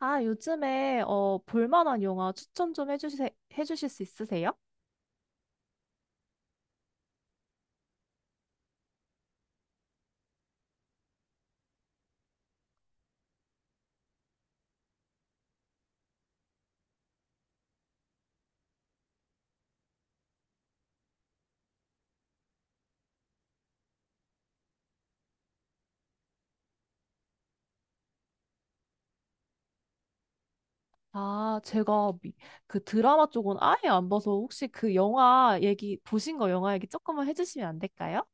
아, 요즘에 볼만한 영화 추천 좀 해주실 수 있으세요? 아, 그 드라마 쪽은 아예 안 봐서 혹시 그 보신 거 영화 얘기 조금만 해주시면 안 될까요?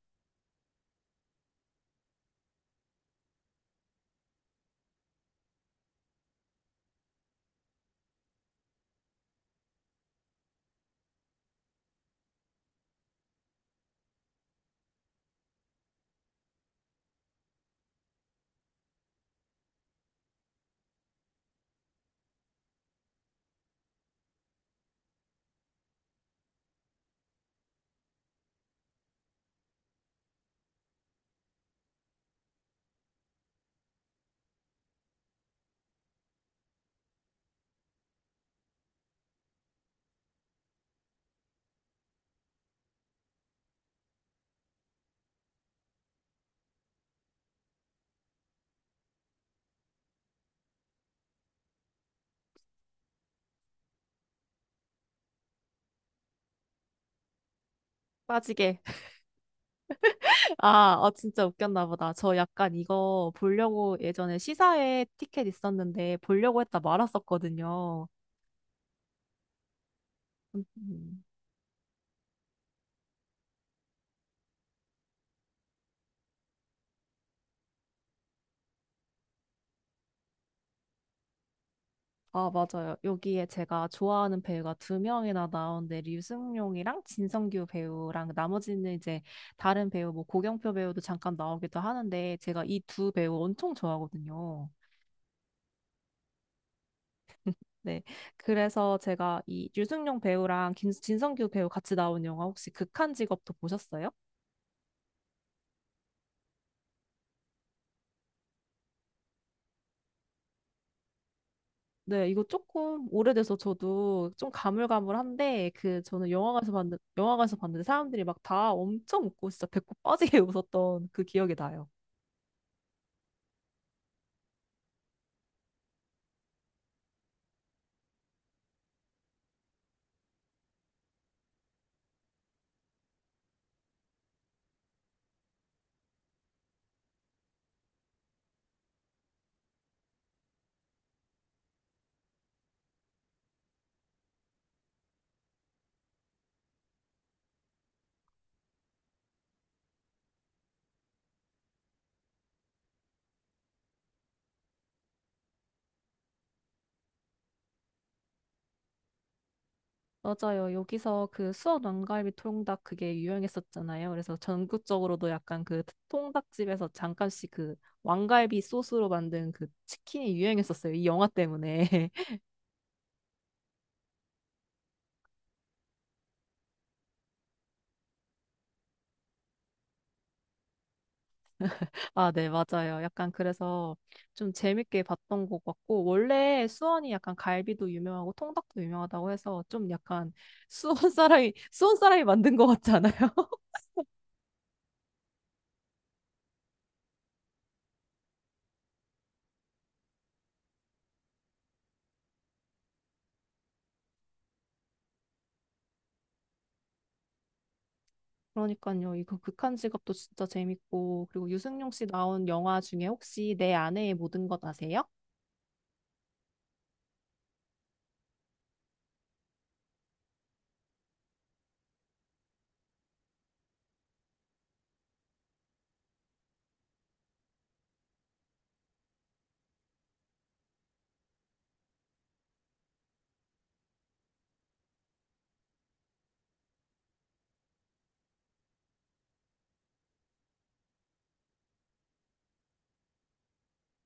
빠지게. 아, 어 진짜 웃겼나 보다. 저 약간 이거 보려고 예전에 시사회 티켓 있었는데 보려고 했다 말았었거든요. 음, 음. 아, 맞아요. 여기에 제가 좋아하는 배우가 두 명이나 나오는데, 류승룡이랑 진성규 배우랑 나머지는 이제 다른 배우, 뭐 고경표 배우도 잠깐 나오기도 하는데, 제가 이 두 배우 엄청 좋아하거든요. 네. 그래서 제가 이 류승룡 배우랑 진성규 배우 같이 나온 영화 혹시 극한 직업도 보셨어요? 네, 이거 조금 오래돼서 저도 좀 가물가물한데, 그, 저는 영화관에서 봤는데, 영화관에서 봤는데 사람들이 막 다 엄청 웃고 진짜 배꼽 빠지게 웃었던 그 기억이 나요. 맞아요. 여기서 그 수원 왕갈비 통닭 그게 유행했었잖아요. 그래서 전국적으로도 약간 그 통닭집에서 잠깐씩 그 왕갈비 소스로 만든 그 치킨이 유행했었어요. 이 영화 때문에. 아, 네, 맞아요. 약간 그래서 좀 재밌게 봤던 것 같고, 원래 수원이 약간 갈비도 유명하고 통닭도 유명하다고 해서 좀 약간 수원 사람이 만든 것 같지 않아요? 그러니까요. 이거 극한 직업도 진짜 재밌고 그리고 유승용 씨 나온 영화 중에 혹시 내 아내의 모든 것 아세요?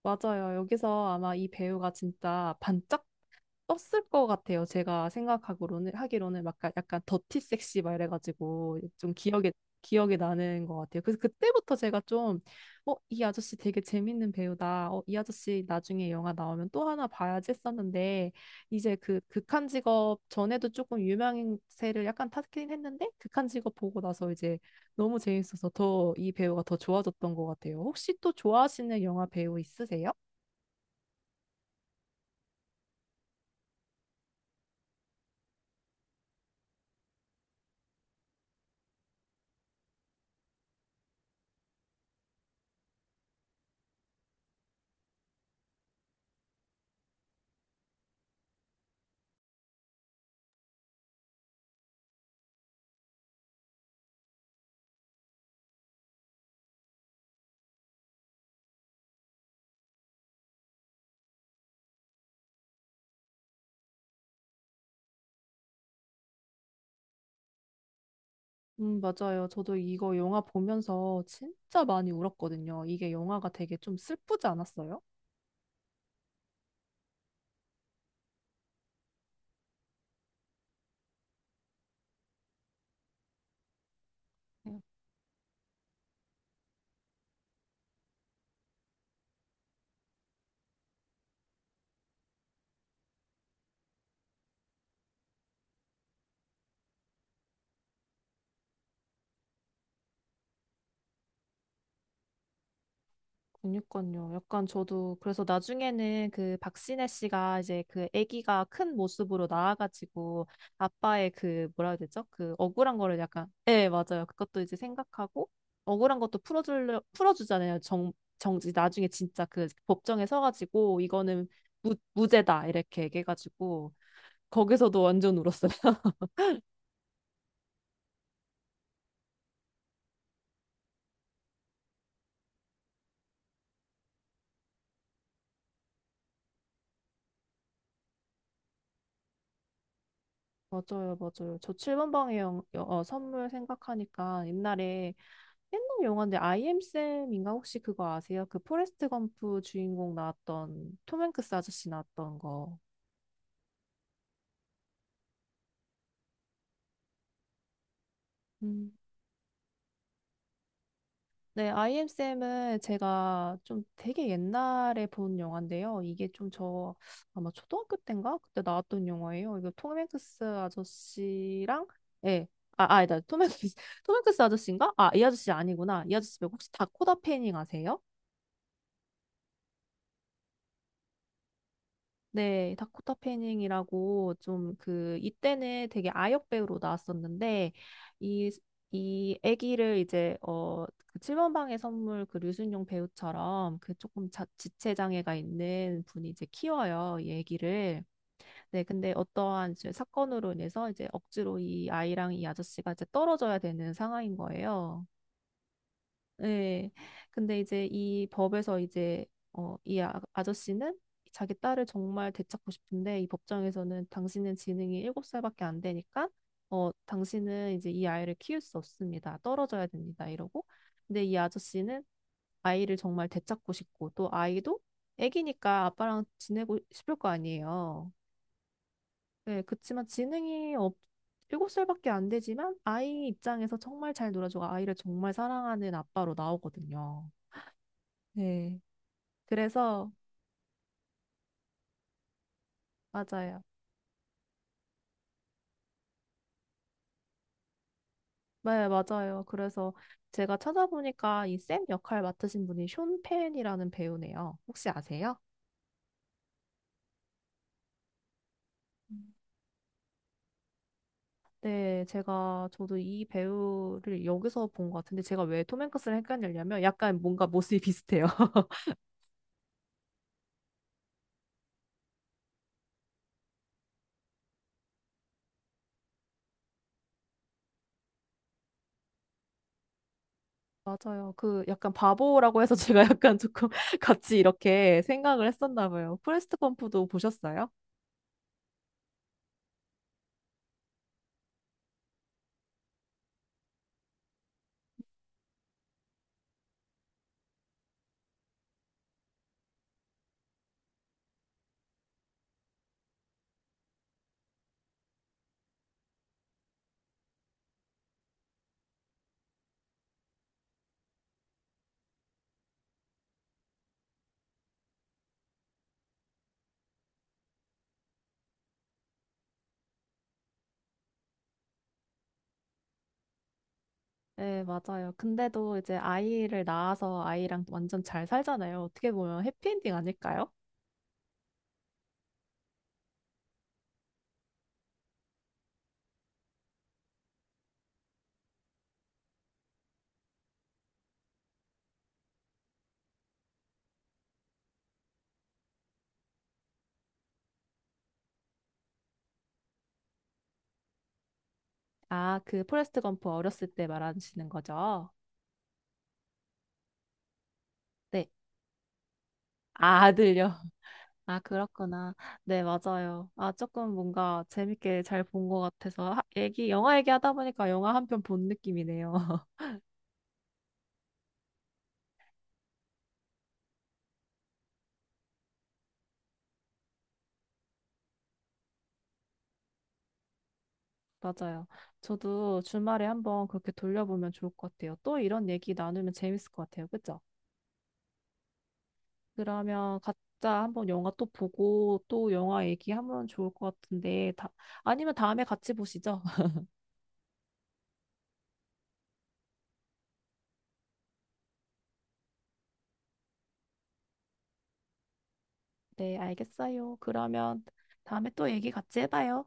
맞아요. 여기서 아마 이 배우가 진짜 반짝 떴을 것 같아요. 제가 생각하기로는 하기로는 막 약간 더티 섹시 막 이래가지고 좀 기억에 나는 것 같아요. 그래서 그때부터 제가 좀 어, 이 아저씨 되게 재밌는 배우다. 어, 이 아저씨 나중에 영화 나오면 또 하나 봐야지 했었는데 이제 그 극한 직업 전에도 조금 유명세를 약간 탔긴 했는데 극한 직업 보고 나서 이제 너무 재밌어서 더 이 배우가 더 좋아졌던 것 같아요. 혹시 또 좋아하시는 영화 배우 있으세요? 맞아요. 저도 이거 영화 보면서 진짜 많이 울었거든요. 이게 영화가 되게 좀 슬프지 않았어요? 그니까요. 약간 저도 그래서 나중에는 그 박신혜 씨가 이제 그 아기가 큰 모습으로 나와가지고 아빠의 그 뭐라 해야 되죠? 그 억울한 거를 약간 네, 맞아요. 그것도 이제 생각하고 억울한 것도 풀어주려 풀어주잖아요. 정 정지 나중에 진짜 그 법정에 서가지고 이거는 무죄다 이렇게 얘기해가지고 거기서도 완전 울었어요. 맞아요, 맞아요. 저 7번 방의 선물 생각하니까 옛날에 옛날 영화인데 아이엠쌤인가 혹시 그거 아세요? 그 포레스트 검프 주인공 나왔던 톰 행크스 아저씨 나왔던 거. 음. 네, 아이엠쌤은 제가 좀 되게 옛날에 본 영화인데요. 이게 좀 저 아마 초등학교 때인가 그때 나왔던 영화예요. 이거 톰 행크스 아저씨랑 예. 아니다. 톰 행크스, 톰 행크스 아저씨인가? 아, 이 아저씨 아니구나. 이 아저씨 말고 혹시 다코다 패닝 아세요? 네, 다코타 패닝이라고 좀 그 이때는 되게 아역 배우로 나왔었는데 이 이 아기를 이제 어그 7번 방의 선물 그 류순용 배우처럼 그 지체 장애가 있는 분이 이제 키워요, 이 아기를. 네, 근데 어떠한 이제 사건으로 인해서 이제 억지로 이 아이랑 이 아저씨가 이제 떨어져야 되는 상황인 거예요. 네. 근데 이제 이 법에서 이제 아저씨는 자기 딸을 정말 되찾고 싶은데 이 법정에서는 당신은 지능이 7살밖에 안 되니까 어, 당신은 이제 이 아이를 키울 수 없습니다. 떨어져야 됩니다. 이러고. 근데 이 아저씨는 아이를 정말 되찾고 싶고 또 아이도 애기니까 아빠랑 지내고 싶을 거 아니에요. 네, 그치만 7살밖에 안 되지만 아이 입장에서 정말 잘 놀아주고 아이를 정말 사랑하는 아빠로 나오거든요. 네. 그래서 맞아요. 네, 맞아요. 그래서 제가 찾아보니까 이 샘 역할 맡으신 분이 숀 펜이라는 배우네요. 혹시 아세요? 음. 네, 제가 저도 이 배우를 여기서 본 것 같은데 제가 왜 톰 행크스를 헷갈리냐면 약간 뭔가 모습이 비슷해요. 맞아요. 그 약간 바보라고 해서 제가 약간 조금 같이 이렇게 생각을 했었나 봐요. 프레스트 검프도 보셨어요? 네, 맞아요. 근데도 이제 아이를 낳아서 아이랑 완전 잘 살잖아요. 어떻게 보면 해피엔딩 아닐까요? 아, 그 포레스트 검프 어렸을 때 말하시는 거죠? 네. 아, 아들요. 아, 그렇구나. 네, 맞아요. 아, 조금 뭔가 재밌게 잘 본 것 같아서 영화 얘기하다 보니까 영화 한 편 본 느낌이네요. 맞아요. 저도 주말에 한번 그렇게 돌려보면 좋을 것 같아요. 또 이런 얘기 나누면 재밌을 것 같아요. 그죠? 그러면 각자 한번 영화 또 보고 또 영화 얘기하면 좋을 것 아니면 다음에 같이 보시죠. 네, 알겠어요. 그러면 다음에 또 얘기 같이 해봐요.